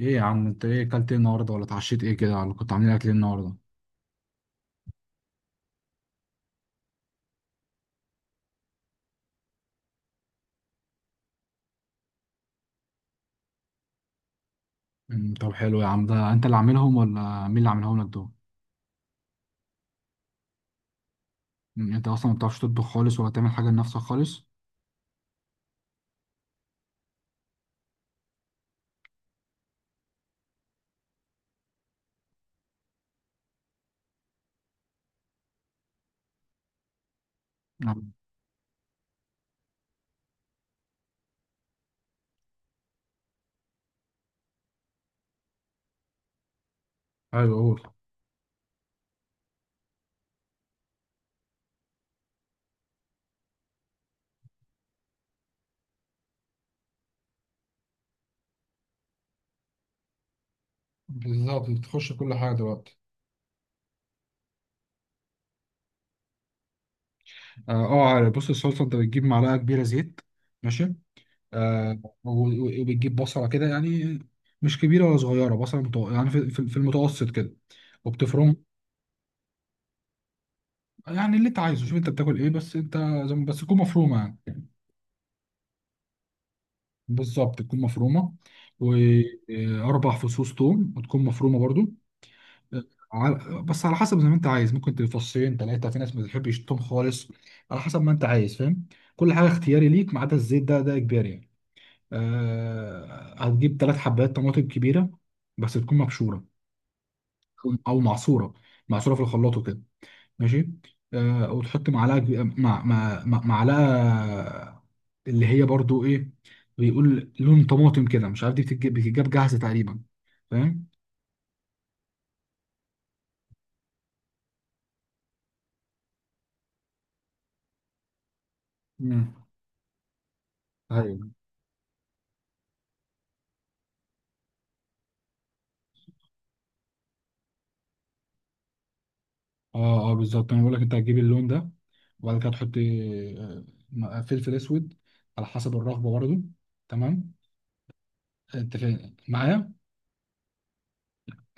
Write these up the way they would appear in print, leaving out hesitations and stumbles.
ايه يا عم انت ايه اكلت ايه النهارده ولا اتعشيت ايه كده ولا كنت عاملين اكل ايه النهارده؟ طب حلو يا عم، ده انت اللي عاملهم ولا مين اللي عاملهم لك دول؟ انت اصلا ما بتعرفش تطبخ خالص ولا تعمل حاجه لنفسك خالص؟ نعم. ايوه، قول. بالظبط، بتخش كل حاجة دلوقتي. اه، آه، عارف. بص، الصلصه انت بتجيب معلقه كبيره زيت. ماشي. آه و- و- وبتجيب بصله كده يعني، مش كبيره ولا صغيره، بصله يعني في المتوسط كده، وبتفرم. يعني اللي انت عايزه، شوف انت بتاكل ايه بس انت. زي ما- بس تكون مفرومه يعني. بالظبط تكون مفرومه. و4 فصوص ثوم، وتكون مفرومه برضو. آه، بس على حسب زي ما انت عايز، ممكن تفصين 3، في ناس ما بتحبش الثوم خالص. على حسب ما انت عايز، فاهم. كل حاجه اختياري ليك، ما عدا الزيت، ده اجباري يعني. هتجيب 3 حبات طماطم كبيره، بس تكون مبشوره او معصوره، معصوره في الخلاط وكده. ماشي. وتحط معلقه معلقه، اللي هي برضو ايه، بيقول لون طماطم كده، مش عارف، دي بتتجاب جاهزه تقريبا. فاهم. مم. ايوه. اه اه، بالظبط انا بقول لك انت هتجيب اللون ده، وبعد كده تحط فلفل اسود، على حسب الرغبه برضو. تمام. انت فاهم معايا.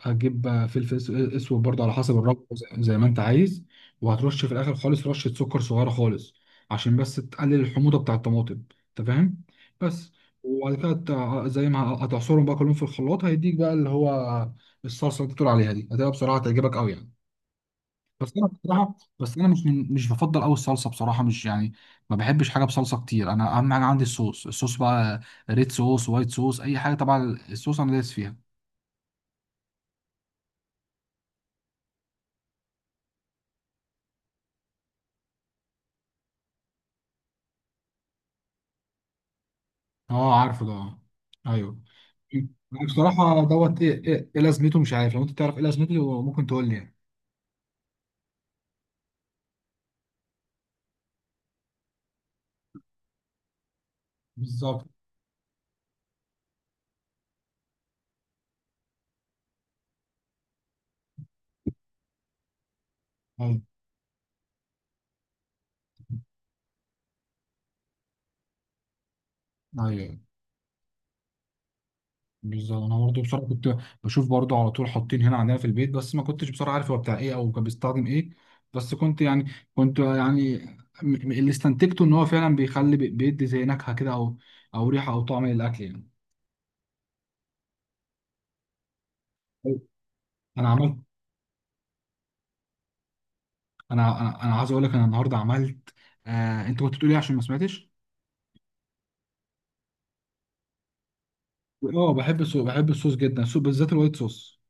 هتجيب اسود برضه على حسب الرغبه، زي ما انت عايز. وهترش في الاخر خالص رشه سكر صغيره خالص، عشان بس تقلل الحموضه بتاع الطماطم. انت فاهم. بس. وبعد كده زي ما، هتعصرهم بقى كلهم في الخلاط، هيديك بقى اللي هو الصلصه اللي انت بتقول عليها دي، هتبقى بصراحه تعجبك قوي يعني. بس انا بصراحه، بس انا مش بفضل قوي الصلصه بصراحه، مش يعني، ما بحبش حاجه بصلصه كتير، انا اهم حاجه عندي الصوص، الصوص بقى، ريد صوص، وايت صوص، اي حاجه، طبعا الصوص انا دايس فيها. اه عارفه ده، اه. ايوه. أنا بصراحه دوت ايه ايه إيه لازمته، مش عارف، لو انت تعرف ايه لازمته ممكن تقول لي يعني. بالظبط. ايوه، ايوه. بالظبط انا برضه بصراحه كنت بشوف برضه على طول حاطين هنا عندنا في البيت، بس ما كنتش بصراحه عارف هو بتاع ايه او كان بيستخدم ايه. بس كنت يعني اللي استنتجته ان هو فعلا بيخلي بيدي زي نكهه كده، او ريحه او طعم للاكل يعني. انا عملت. انا انا أنا عايز اقول لك انا النهارده عملت. انت كنت بتقول ايه عشان ما سمعتش. اه، بحب الصوص، بحب الصوص جدا، الصوص بالذات الوايت صوص.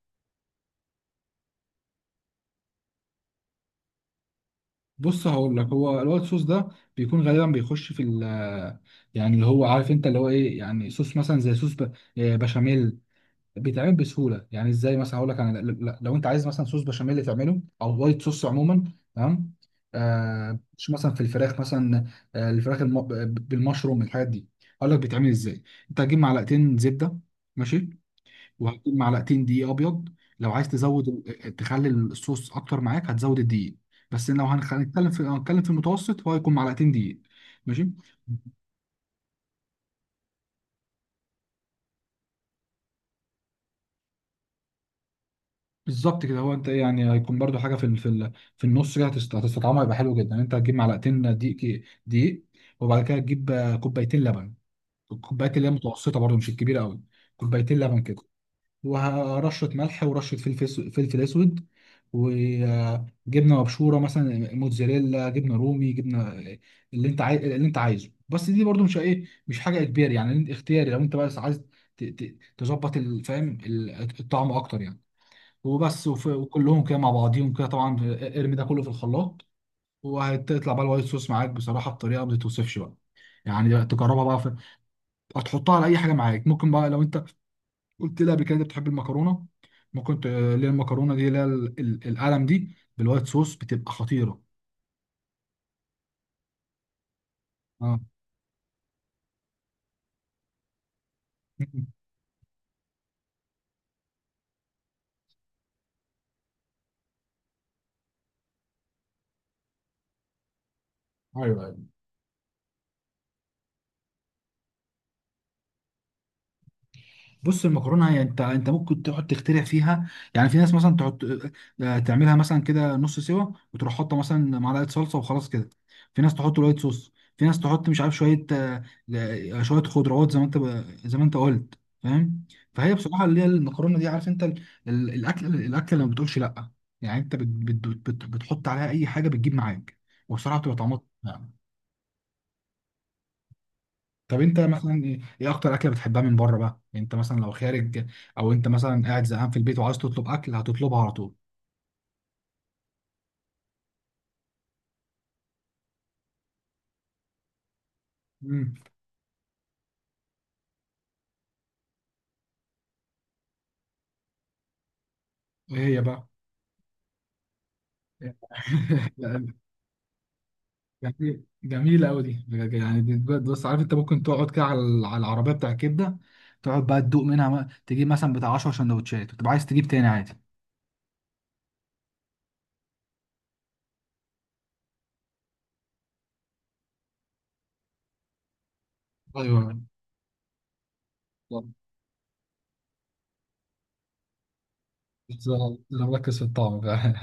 بص هقول لك، هو الوايت صوص ده بيكون غالبا بيخش في ال، يعني اللي هو، عارف انت اللي هو ايه، يعني صوص مثلا زي صوص بشاميل. بيتعمل بسهوله، يعني ازاي مثلا هقول لك انا، لو انت عايز مثلا صوص بشاميل تعمله او وايت صوص عموما. تمام. مش مثلا في الفراخ مثلا، الفراخ بالمشروم الحاجات دي. هقول لك بيتعمل ازاي. انت هتجيب معلقتين زبده. ماشي. وهتكون معلقتين دقيق ابيض. لو عايز تزود تخلي الصوص اكتر معاك، هتزود الدقيق. بس لو هنتكلم في المتوسط، هو هيكون معلقتين دقيق. ماشي. بالظبط كده، هو انت إيه يعني، هيكون برضو حاجه في النص كده، هتستطعمها، هيبقى حلو جدا. انت هتجيب معلقتين دقيق. وبعد كده تجيب كوبايتين لبن. الكوبايات اللي هي متوسطه برضو، مش الكبيره قوي. كوبايتين لبن كده. ورشة ملح، ورشة فلفل أسود. وجبنة مبشورة مثلا، موتزاريلا، جبنة رومي، جبنة اللي أنت عايز، اللي أنت عايزه. بس دي برضو مش إيه، مش حاجة إجباري يعني، أنت اختياري، لو أنت بس عايز تظبط فاهم الطعم أكتر يعني. وبس، وكلهم كده مع بعضيهم كده طبعا، ارمي ده كله في الخلاط، وهتطلع بقى الوايت صوص معاك بصراحة بطريقة ما تتوصفش بقى. يعني تجربها بقى في. هتحطها على اي حاجه معاك. ممكن بقى لو انت قلت لها قبل كده انت بتحب المكرونه، ما كنت، اللي هي المكرونه دي، اللي هي القلم دي، بالوايت صوص بتبقى خطيره. اه، ايوه. بص، المكرونه يعني انت ممكن تقعد تخترع فيها. يعني في ناس مثلا تحط تعملها مثلا كده نص سوا، وتروح حاطه مثلا معلقه صلصه وخلاص كده. في ناس تحط وايت صوص، في ناس تحط، مش عارف، شويه شويه خضروات، زي ما انت قلت. فاهم. فهي بصراحه اللي هي المكرونه دي، عارف انت الاكل اللي ما بتقولش لا، يعني انت بت- بت- بت- بت بتحط عليها اي حاجه بتجيب معاك، وبصراحه بتبقى طعمها. طب انت مثلا ايه اكتر اكله بتحبها من بره بقى، يعني انت مثلا لو خارج، او انت مثلا قاعد زهقان في البيت وعايز تطلب اكل، هتطلبها على طول. امم ايه هي بقى؟ لا، جميله قوي دي بجد، يعني دي بجد. بص عارف انت ممكن تقعد كده على العربيه بتاع الكبده، تقعد بقى تدوق منها بقى، تجيب مثلا بتاع 10 سندوتشات، وتبقى عايز تجيب تاني عادي. ايوه، بالظبط. بس انا مركز في الطعم بقى.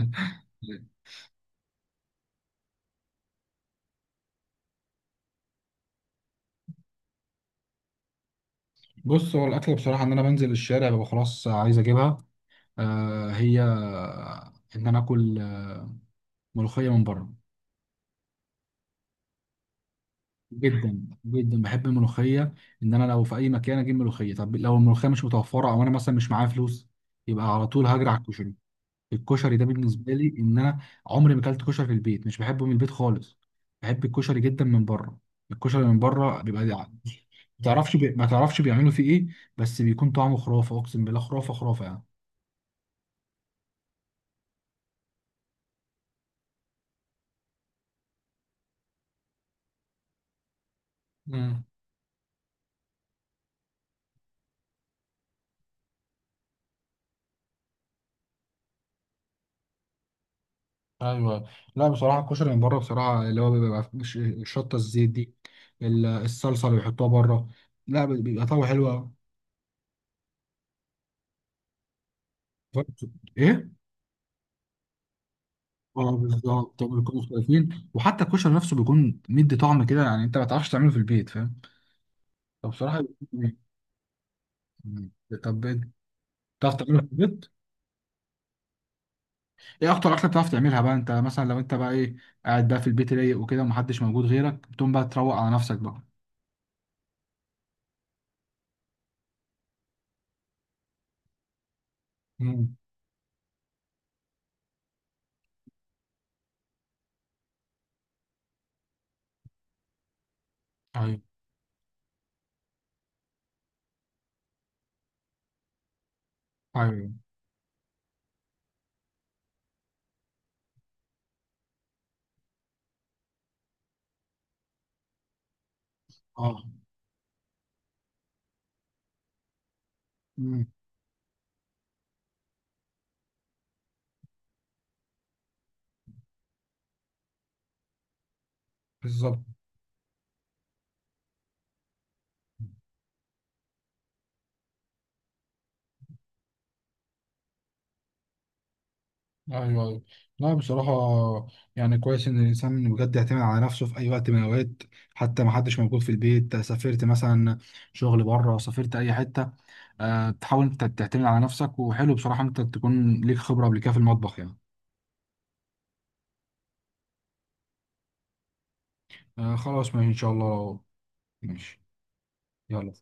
بص، هو الاكل بصراحه، ان انا بنزل الشارع، ببقى خلاص عايز اجيبها. هي ان انا اكل ملوخيه من بره. جدا جدا بحب الملوخيه. ان انا لو في اي مكان اجيب ملوخيه. طب لو الملوخيه مش متوفره، او انا مثلا مش معايا فلوس، يبقى على طول هجري على الكشري. الكشري ده بالنسبه لي، ان انا عمري ما اكلت كشري في البيت، مش بحبه من البيت خالص، بحب الكشري جدا من بره. الكشري من بره بيبقى ما تعرفش بيعملوا فيه ايه، بس بيكون طعمه خرافه، اقسم بالله، خرافه خرافه. يعني. ايوه. لا بصراحه، الكشري من بره بصراحه اللي هو بيبقى شطه الزيت دي، الصلصه اللي بيحطوها بره، لا بيبقى طعمه حلو أوي. فرق- ايه. اه بالظبط، بيكونوا مختلفين، وحتى الكشري نفسه بيكون مدي طعم كده، يعني انت ما تعرفش تعمله في البيت فاهم. فبصراحه بيكون. طب إيه؟ بتعرف تعمله في البيت. ايه اكتر اكله بتعرف تعملها بقى، انت مثلا لو انت بقى قاعد بقى في البيت رايق وكده، ومحدش موجود غيرك، بتقوم بقى تروق على نفسك بقى. امم ايوه، ايوه، اه، امم بالظبط، ايوه، ايوه. لا بصراحه، يعني كويس ان الانسان بجد يعتمد على نفسه في اي وقت من الاوقات. حتى ما حدش موجود في البيت، سافرت مثلا، شغل بره، سافرت اي حته. أه تحاول انت تعتمد على نفسك، وحلو بصراحه انت تكون ليك خبره قبل كده في المطبخ يعني. أه خلاص، ماشي ان شاء الله. ماشي. يلا.